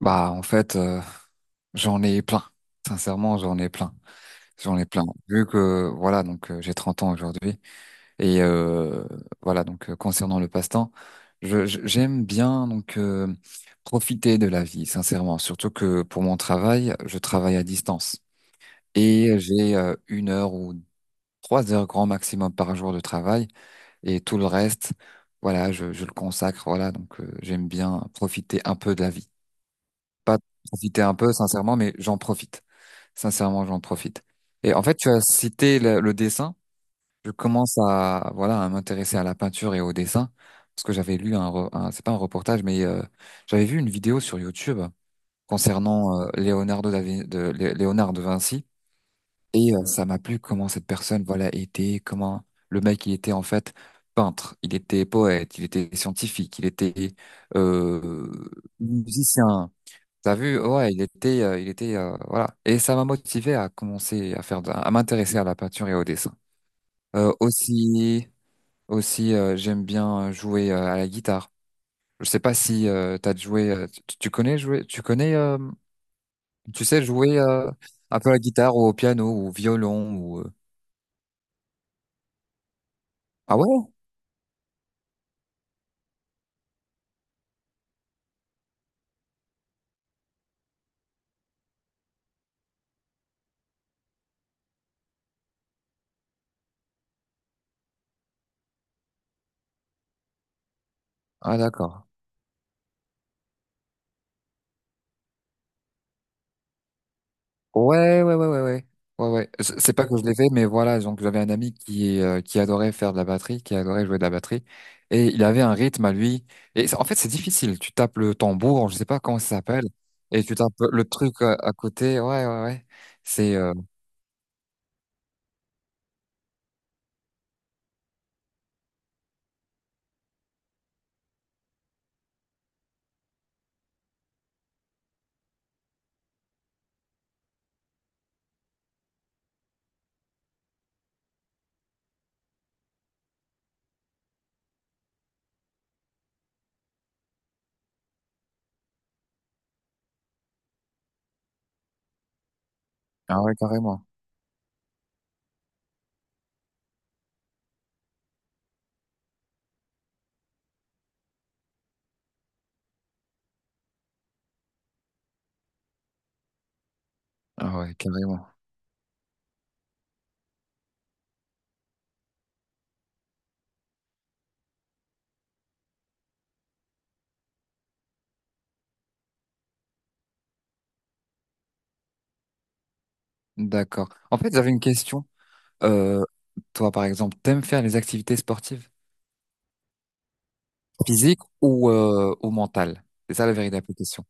Bah, en fait, euh, j'en ai plein. Sincèrement, j'en ai plein. J'en ai plein. Vu que, voilà, donc j'ai 30 ans aujourd'hui. Et voilà, donc concernant le passe-temps, j'aime bien profiter de la vie, sincèrement. Surtout que pour mon travail, je travaille à distance. Et j'ai une heure ou trois heures grand maximum par jour de travail. Et tout le reste, voilà, je le consacre. J'aime bien profiter un peu de la vie. Pas profiter un peu, sincèrement, mais j'en profite. Sincèrement, j'en profite. Et en fait, tu as cité le dessin. Je commence à, voilà, à m'intéresser à la peinture et au dessin. Parce que j'avais lu un, re- un- c'est pas un reportage, mais j'avais vu une vidéo sur YouTube concernant Leonardo da Vin- de, Lé- Léonard de Vinci. Ça m'a plu comment cette personne, voilà, était, comment le mec, il était en fait peintre, il était poète, il était scientifique, il était euh, musicien. T'as vu, ouais, voilà. Et ça m'a motivé à commencer à faire, de- à m'intéresser à la peinture et au dessin. Euh, aussi, aussi, j'aime bien jouer à la guitare. Je sais pas si tu connais jouer, tu sais jouer un peu à la guitare ou au piano ou au violon ou. Ah ouais? Ah d'accord. Ouais, ouais, ouais, ouais, ouais. Ouais, ouais. C'est pas que je l'ai fait, mais voilà, donc j'avais un ami qui adorait faire de la batterie, qui adorait jouer de la batterie, et il avait un rythme à lui. C'est difficile. Tu tapes le tambour, je sais pas comment ça s'appelle, et tu tapes le truc à côté. Ouais, ouais, ouais. C'est ah ouais, carrément. Ah ouais, carrément. D'accord. En fait, j'avais une question. Euh, toi, par exemple, t'aimes faire les activités sportives, physiques ou mentales? C'est ça la véritable question.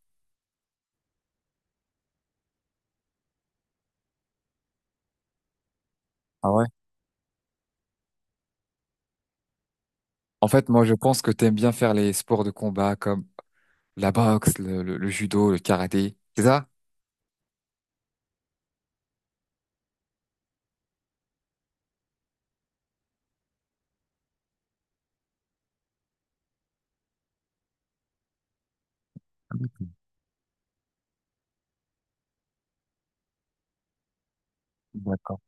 En fait, moi, je pense que t'aimes bien faire les sports de combat comme la boxe, le judo, le karaté, c'est ça? D'accord.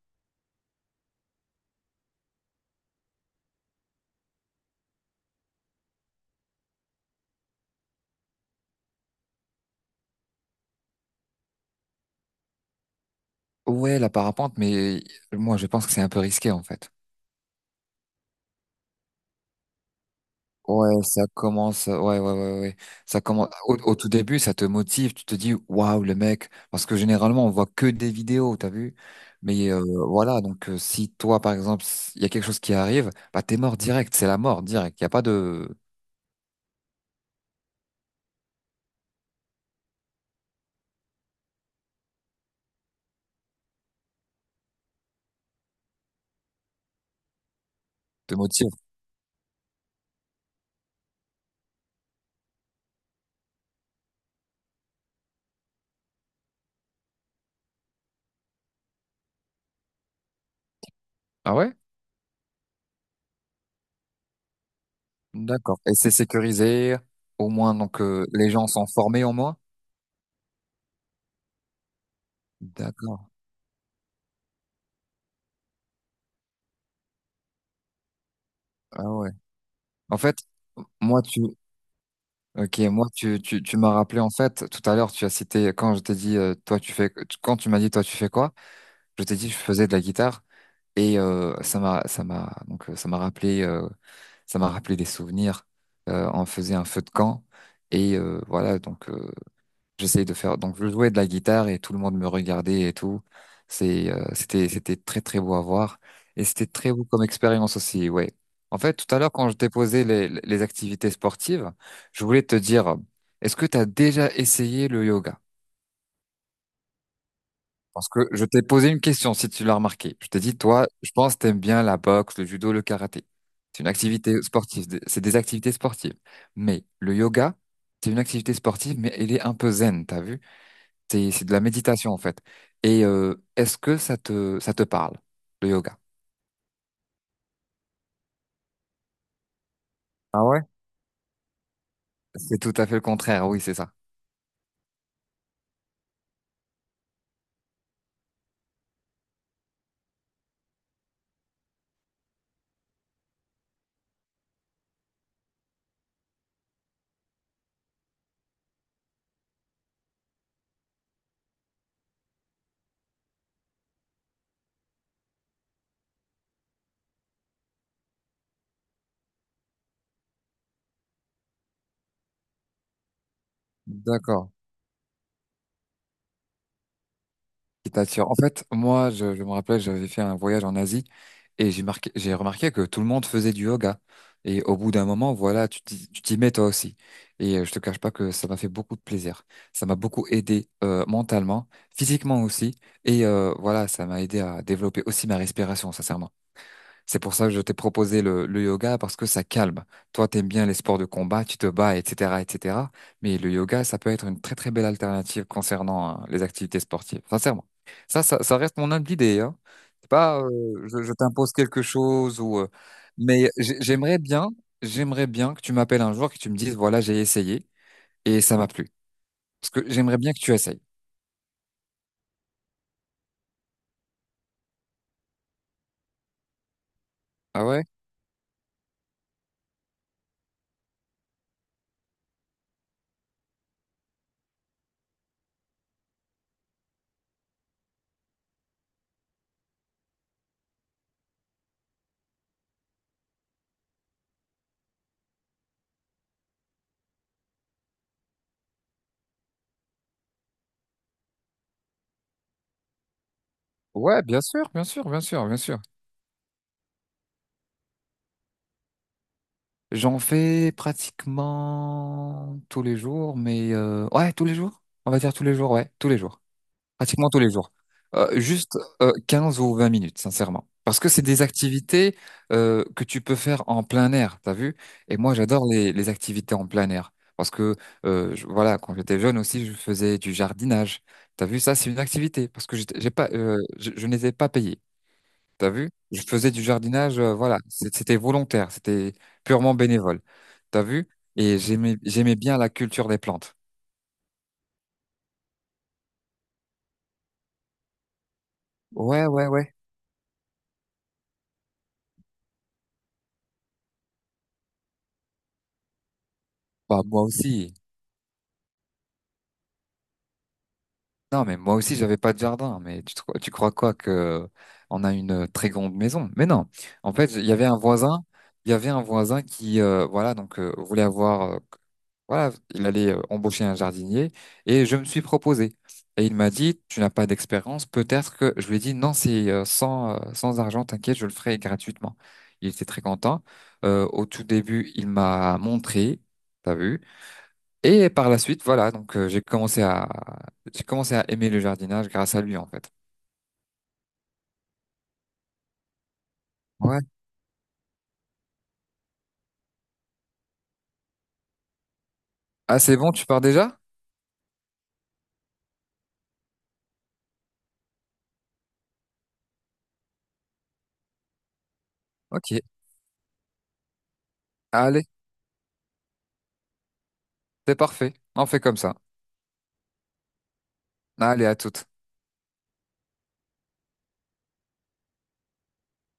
Ouais, la parapente, mais moi, je pense que c'est un peu risqué, en fait. Ouais, ça commence, ouais, ouais, ouais, ouais, ouais. Ça commence, au tout début, ça te motive, tu te dis, waouh, le mec, parce que généralement, on voit que des vidéos, t'as vu? Mais voilà, donc si toi, par exemple, il y a quelque chose qui arrive, bah, t'es mort direct, c'est la mort direct, il n'y a pas de, de motif. Ah ouais? D'accord. Et c'est sécurisé, au moins, les gens sont formés au moins. D'accord. Ah ouais. En fait, moi tu, ok, moi tu m'as rappelé en fait tout à l'heure tu as cité quand je t'ai dit toi tu fais, quand tu m'as dit toi tu fais quoi, je t'ai dit je faisais de la guitare et ça m'a donc ça m'a rappelé des souvenirs. On faisait un feu de camp et j'essayais de faire. Donc, je jouais de la guitare et tout le monde me regardait et tout. C'était très, très beau à voir. Et c'était très beau comme expérience aussi, ouais. En fait, tout à l'heure, quand je t'ai posé les activités sportives, je voulais te dire, est-ce que tu as déjà essayé le yoga? Parce que je t'ai posé une question, si tu l'as remarqué. Je t'ai dit, toi, je pense que t'aimes bien la boxe, le judo, le karaté. C'est une activité sportive, c'est des activités sportives. Mais le yoga, c'est une activité sportive, mais elle est un peu zen, t'as vu? C'est de la méditation en fait. Et est-ce que ça te parle, le yoga? Ah ouais? C'est tout à fait le contraire, oui, c'est ça. D'accord. Qui t'attire. En fait, moi, je me rappelle, j'avais fait un voyage en Asie et j'ai remarqué que tout le monde faisait du yoga. Et au bout d'un moment, voilà, tu t'y mets toi aussi. Je te cache pas que ça m'a fait beaucoup de plaisir. Ça m'a beaucoup aidé mentalement, physiquement aussi. Et voilà, ça m'a aidé à développer aussi ma respiration, sincèrement. C'est pour ça que je t'ai proposé le yoga parce que ça calme. Toi, t'aimes bien les sports de combat, tu te bats, etc., etc. Mais le yoga, ça peut être une très très belle alternative concernant hein, les activités sportives. Sincèrement, ça reste mon humble idée. Hein. C'est pas, je t'impose quelque chose , ou j'aimerais bien, j'aimerais bien que tu m'appelles un jour, que tu me dises, voilà, j'ai essayé et ça m'a plu. Parce que j'aimerais bien que tu essayes. Ah ouais? Ouais, bien sûr, bien sûr, bien sûr, bien sûr. J'en fais pratiquement tous les jours, mais ouais, tous les jours. On va dire tous les jours, ouais, tous les jours. Pratiquement tous les jours. Juste 15 ou 20 minutes, sincèrement. Parce que c'est des activités que tu peux faire en plein air, t'as vu? Et moi, j'adore les activités en plein air. Parce que, voilà, quand j'étais jeune aussi, je faisais du jardinage. T'as vu, ça, c'est une activité. Parce que j'étais- j'ai pas, je n'étais pas payé. T'as vu? Je faisais du jardinage, voilà, c'était volontaire, c'était purement bénévole. T'as vu? Et j'aimais bien la culture des plantes. Ouais, ouais, ouais. Bah, moi aussi. Non, mais moi aussi, j'avais pas de jardin. Mais tu crois quoi, que on a une très grande maison? Mais non. En fait, il y avait un voisin qui voulait avoir, voilà, il allait embaucher un jardinier et je me suis proposé. Et il m'a dit, tu n'as pas d'expérience, peut-être que je lui ai dit non, c'est sans argent, t'inquiète, je le ferai gratuitement. Il était très content. Au tout début, il m'a montré, t'as vu? Et par la suite, j'ai commencé à aimer le jardinage grâce à lui en fait. Ouais. Ah, c'est bon, tu pars déjà? Ok. Allez, c'est parfait. On fait comme ça. Allez, à toutes.